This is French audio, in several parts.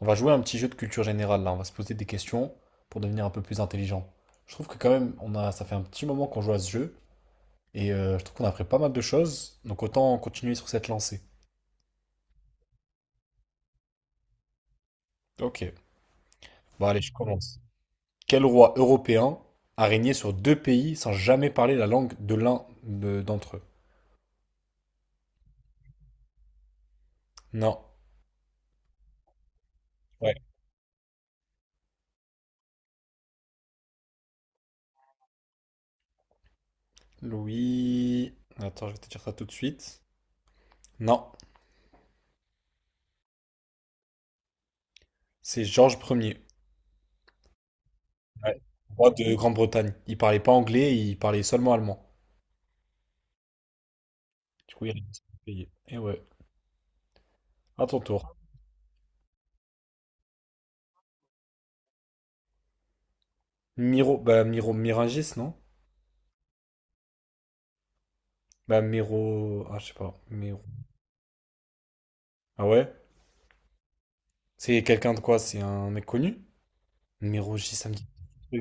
On va jouer un petit jeu de culture générale là, on va se poser des questions pour devenir un peu plus intelligent. Je trouve que quand même, ça fait un petit moment qu'on joue à ce jeu et je trouve qu'on a appris pas mal de choses, donc autant continuer sur cette lancée. Ok, bon allez, je commence. Quel roi européen a régné sur deux pays sans jamais parler la langue de l'un d'entre eux? Non. Ouais. Louis. Attends, je vais te dire ça tout de suite. Non, c'est Georges Ier. Ouais. Roi de Grande-Bretagne. Il parlait pas anglais, il parlait seulement allemand. Du coup, il a été payé. Et ouais. À ton tour. Miro, bah Miro Miragis, non? Bah Miro, ah je sais pas, Miro. Ah ouais? C'est quelqu'un de quoi? C'est un mec connu? Mirogis, ça me dit. Un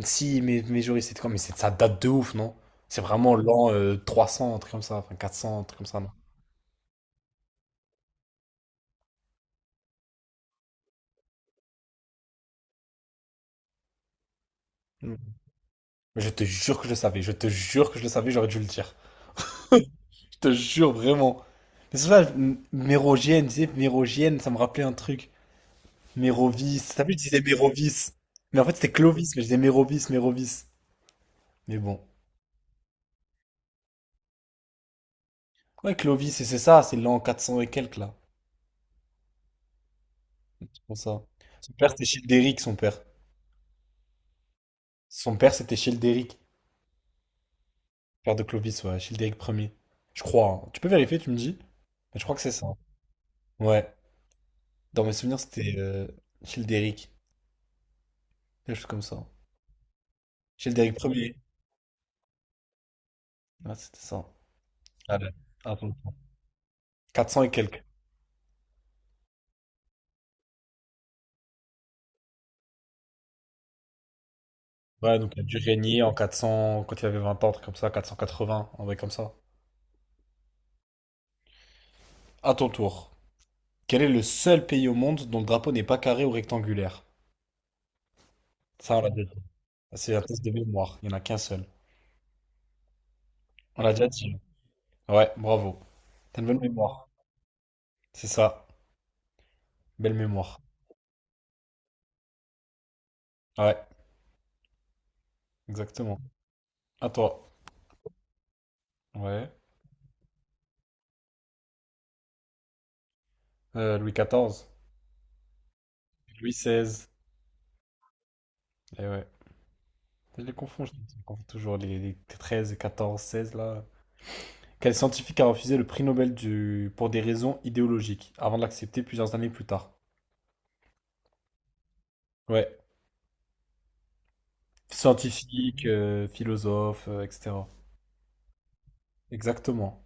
Si, mais Joris, c'était quand? Mais ça date de ouf, non? C'est vraiment l'an 300, un truc comme ça, enfin 400, un truc comme ça, non? Mm. Je te jure que je le savais, je te jure que je le savais, j'aurais dû le dire. Je te jure, vraiment. Mais c'est ça, Mérogienne, tu sais, Mérogienne, ça me rappelait un truc. Mérovis, t'as vu, je disais Mérovis. Mais en fait, c'était Clovis, mais je disais Mérovis, Mérovis. Mais bon. Ouais, Clovis, et c'est ça, c'est l'an 400 et quelques, là. C'est pour ça. Son père, c'était Childéric, son père. Son père, c'était Childéric. Père de Clovis, ouais, Childéric Ier, je crois, hein. Tu peux vérifier, tu me dis? Mais je crois que c'est ça. Ouais. Dans mes souvenirs, c'était Childéric. Quelque chose comme ça. Childéric Ier. Ouais, c'était ça. Allez. Ah, 400 et quelques. Ouais, donc il a dû régner en 400, quand il avait 20 ans, un truc comme ça, 480, un truc comme ça. À ton tour. Quel est le seul pays au monde dont le drapeau n'est pas carré ou rectangulaire? Ça, on l'a déjà C'est un test de mémoire. Il n'y en a qu'un seul. On l'a déjà dit. Ouais, bravo. T'as une bonne mémoire. C'est ça. Belle mémoire. Ouais, exactement. À toi. Ouais. Louis XIV. Louis XVI. Eh ouais. Je les confonds toujours. Les 13 et 14, 16 là. Quel scientifique a refusé le prix Nobel pour des raisons idéologiques avant de l'accepter plusieurs années plus tard? Ouais. Scientifique, philosophe, etc. Exactement.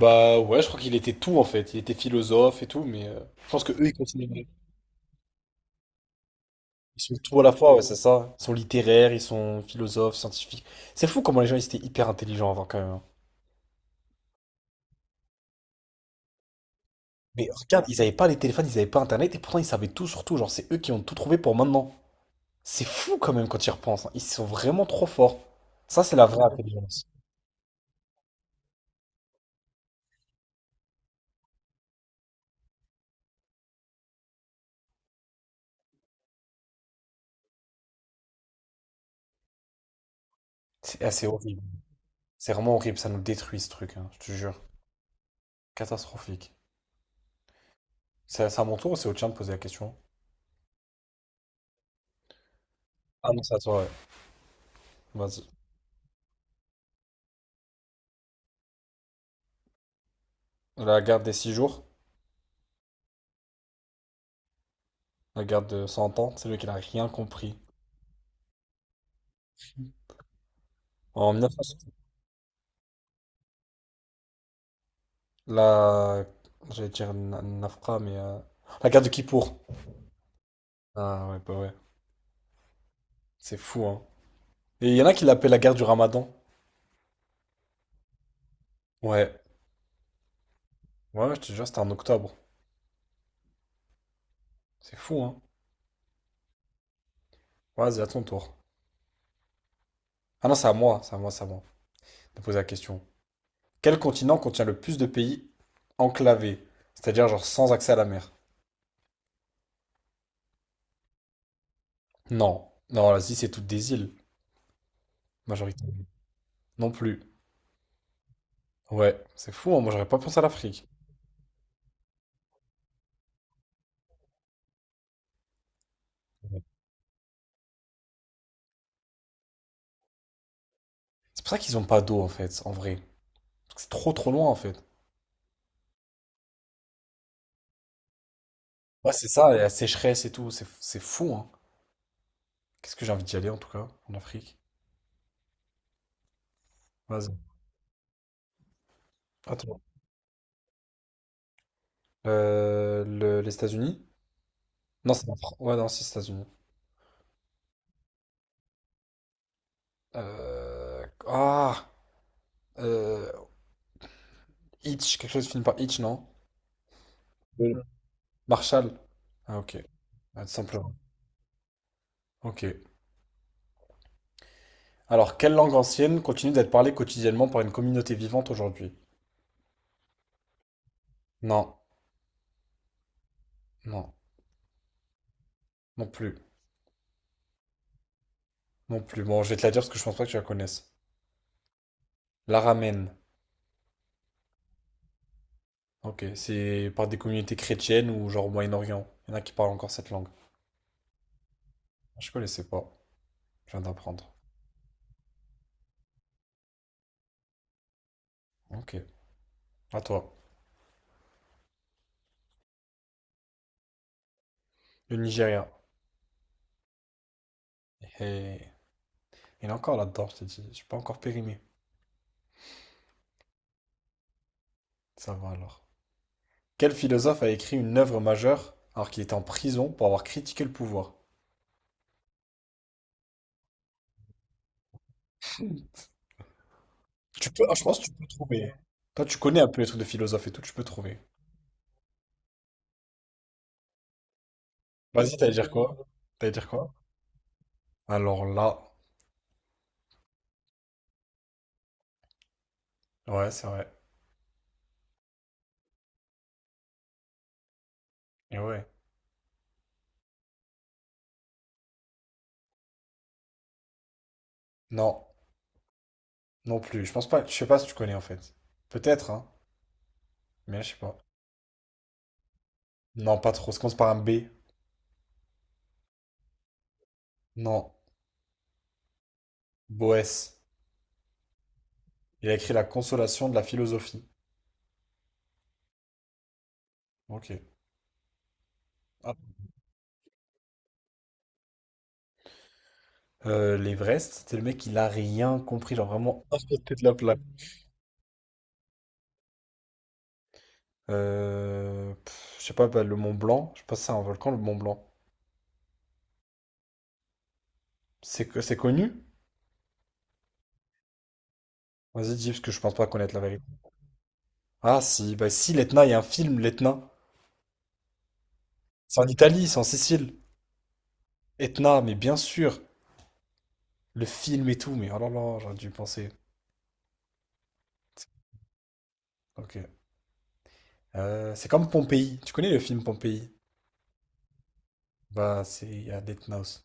Bah ouais, je crois qu'il était tout en fait. Il était philosophe et tout, mais je pense que eux ils continuent. Ils sont tout à la fois, ouais, c'est ça. Ils sont littéraires, ils sont philosophes, scientifiques. C'est fou comment les gens ils étaient hyper intelligents avant quand même, hein. Mais regarde, ils avaient pas les téléphones, ils avaient pas internet et pourtant ils savaient tout sur tout. Genre c'est eux qui ont tout trouvé pour maintenant. C'est fou quand même quand tu y repenses, hein. Ils sont vraiment trop forts. Ça c'est la vraie intelligence. C'est assez horrible. C'est vraiment horrible. Ça nous détruit ce truc, hein, je te jure. Catastrophique. C'est à mon tour ou c'est au tien de poser la question? Ah non, c'est à toi, ouais. Vas-y. La garde des 6 jours. La guerre de 100 ans, c'est lui qui n'a rien compris. En 1960, la... J'allais dire Nafra, mais, la guerre de Kippour. Ah ouais, bah ouais. C'est fou, hein. Et il y en a qui l'appellent la guerre du Ramadan. Ouais. Ouais, je te jure, c'était en octobre. C'est fou, hein. Vas-y, à ton tour. Ah non, c'est à moi, c'est à moi, c'est à moi. De poser la question. Quel continent contient le plus de pays enclavés? C'est-à-dire, genre, sans accès à la mer. Non. Non, l'Asie, c'est toutes des îles. Majorité. Non plus. Ouais, c'est fou, hein. Moi, j'aurais pas pensé à l'Afrique. C'est pour ça qu'ils ont pas d'eau en fait, en vrai. Parce que c'est trop trop loin en fait. Ouais, c'est ça, et la sécheresse et tout, c'est fou, hein. Qu'est-ce que j'ai envie d'y aller en tout cas, en Afrique. Vas-y. Attends. Les États-Unis? Non, c'est en France. Ouais, non, c'est les États-Unis. Ah! Euh... Hitch, quelque chose qui finit par Hitch, non? Oui. Marshall. Ah, ok. Ah, tout simplement. Ok. Alors, quelle langue ancienne continue d'être parlée quotidiennement par une communauté vivante aujourd'hui? Non, non, non plus, non plus. Bon, je vais te la dire parce que je pense pas que tu la connaisses. L'araméen. Ok, c'est par des communautés chrétiennes ou genre au Moyen-Orient. Il y en a qui parlent encore cette langue. Je connaissais pas. Je viens d'apprendre. Ok, à toi. Le Nigeria. Hey. Il est encore là-dedans, je t'ai dit. Je suis pas encore périmé. Ça va alors. Quel philosophe a écrit une œuvre majeure alors qu'il était en prison pour avoir critiqué le pouvoir? Tu peux, ah, je pense que tu peux trouver. Toi, tu connais un peu les trucs de philosophe et tout, tu peux trouver. Vas-y, t'allais dire quoi? T'allais dire quoi? Alors là, ouais, c'est vrai. Et ouais. Non, non plus. Je pense pas. Je sais pas si tu connais en fait. Peut-être, hein. Mais je sais pas. Non, pas trop. Ça commence par un B. Non. Boès. Il a écrit La consolation de la philosophie. Ok. Ah. L'Everest, c'était le mec, il a rien compris, genre vraiment à côté de la plaque. Pff, je sais pas, bah, le Mont Blanc, je sais pas si c'est un volcan, le Mont Blanc. C'est que c'est connu? Vas-y, dis, parce que je pense pas connaître la vérité. Ah si, bah si, l'Etna, il y a un film, l'Etna. C'est en Italie, c'est en Sicile. Etna, mais bien sûr, le film et tout, mais oh là là, j'aurais dû y penser. Ok. C'est comme Pompéi. Tu connais le film Pompéi? Bah, c'est il y a Death Note.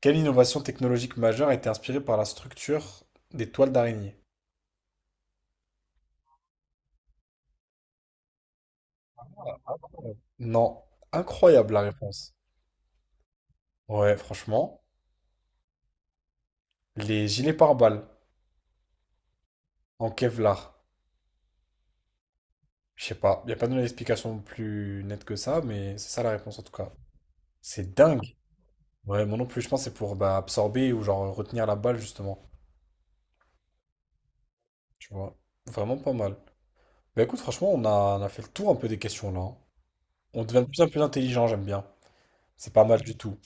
Quelle innovation technologique majeure a été inspirée par la structure des toiles d'araignée? Non. Incroyable la réponse. Ouais, franchement. Les gilets pare-balles en Kevlar. Je sais pas. Il n'y a pas donné explication plus nette que ça, mais c'est ça la réponse en tout cas. C'est dingue. Ouais, moi non plus, je pense que c'est pour bah, absorber ou genre retenir la balle justement. Tu vois. Vraiment pas mal. Bah écoute, franchement, on a fait le tour un peu des questions là, hein. On devient de plus en plus intelligent, j'aime bien. C'est pas mal du tout.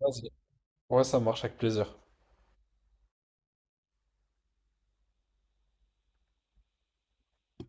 Vas-y. Ouais, ça marche avec plaisir.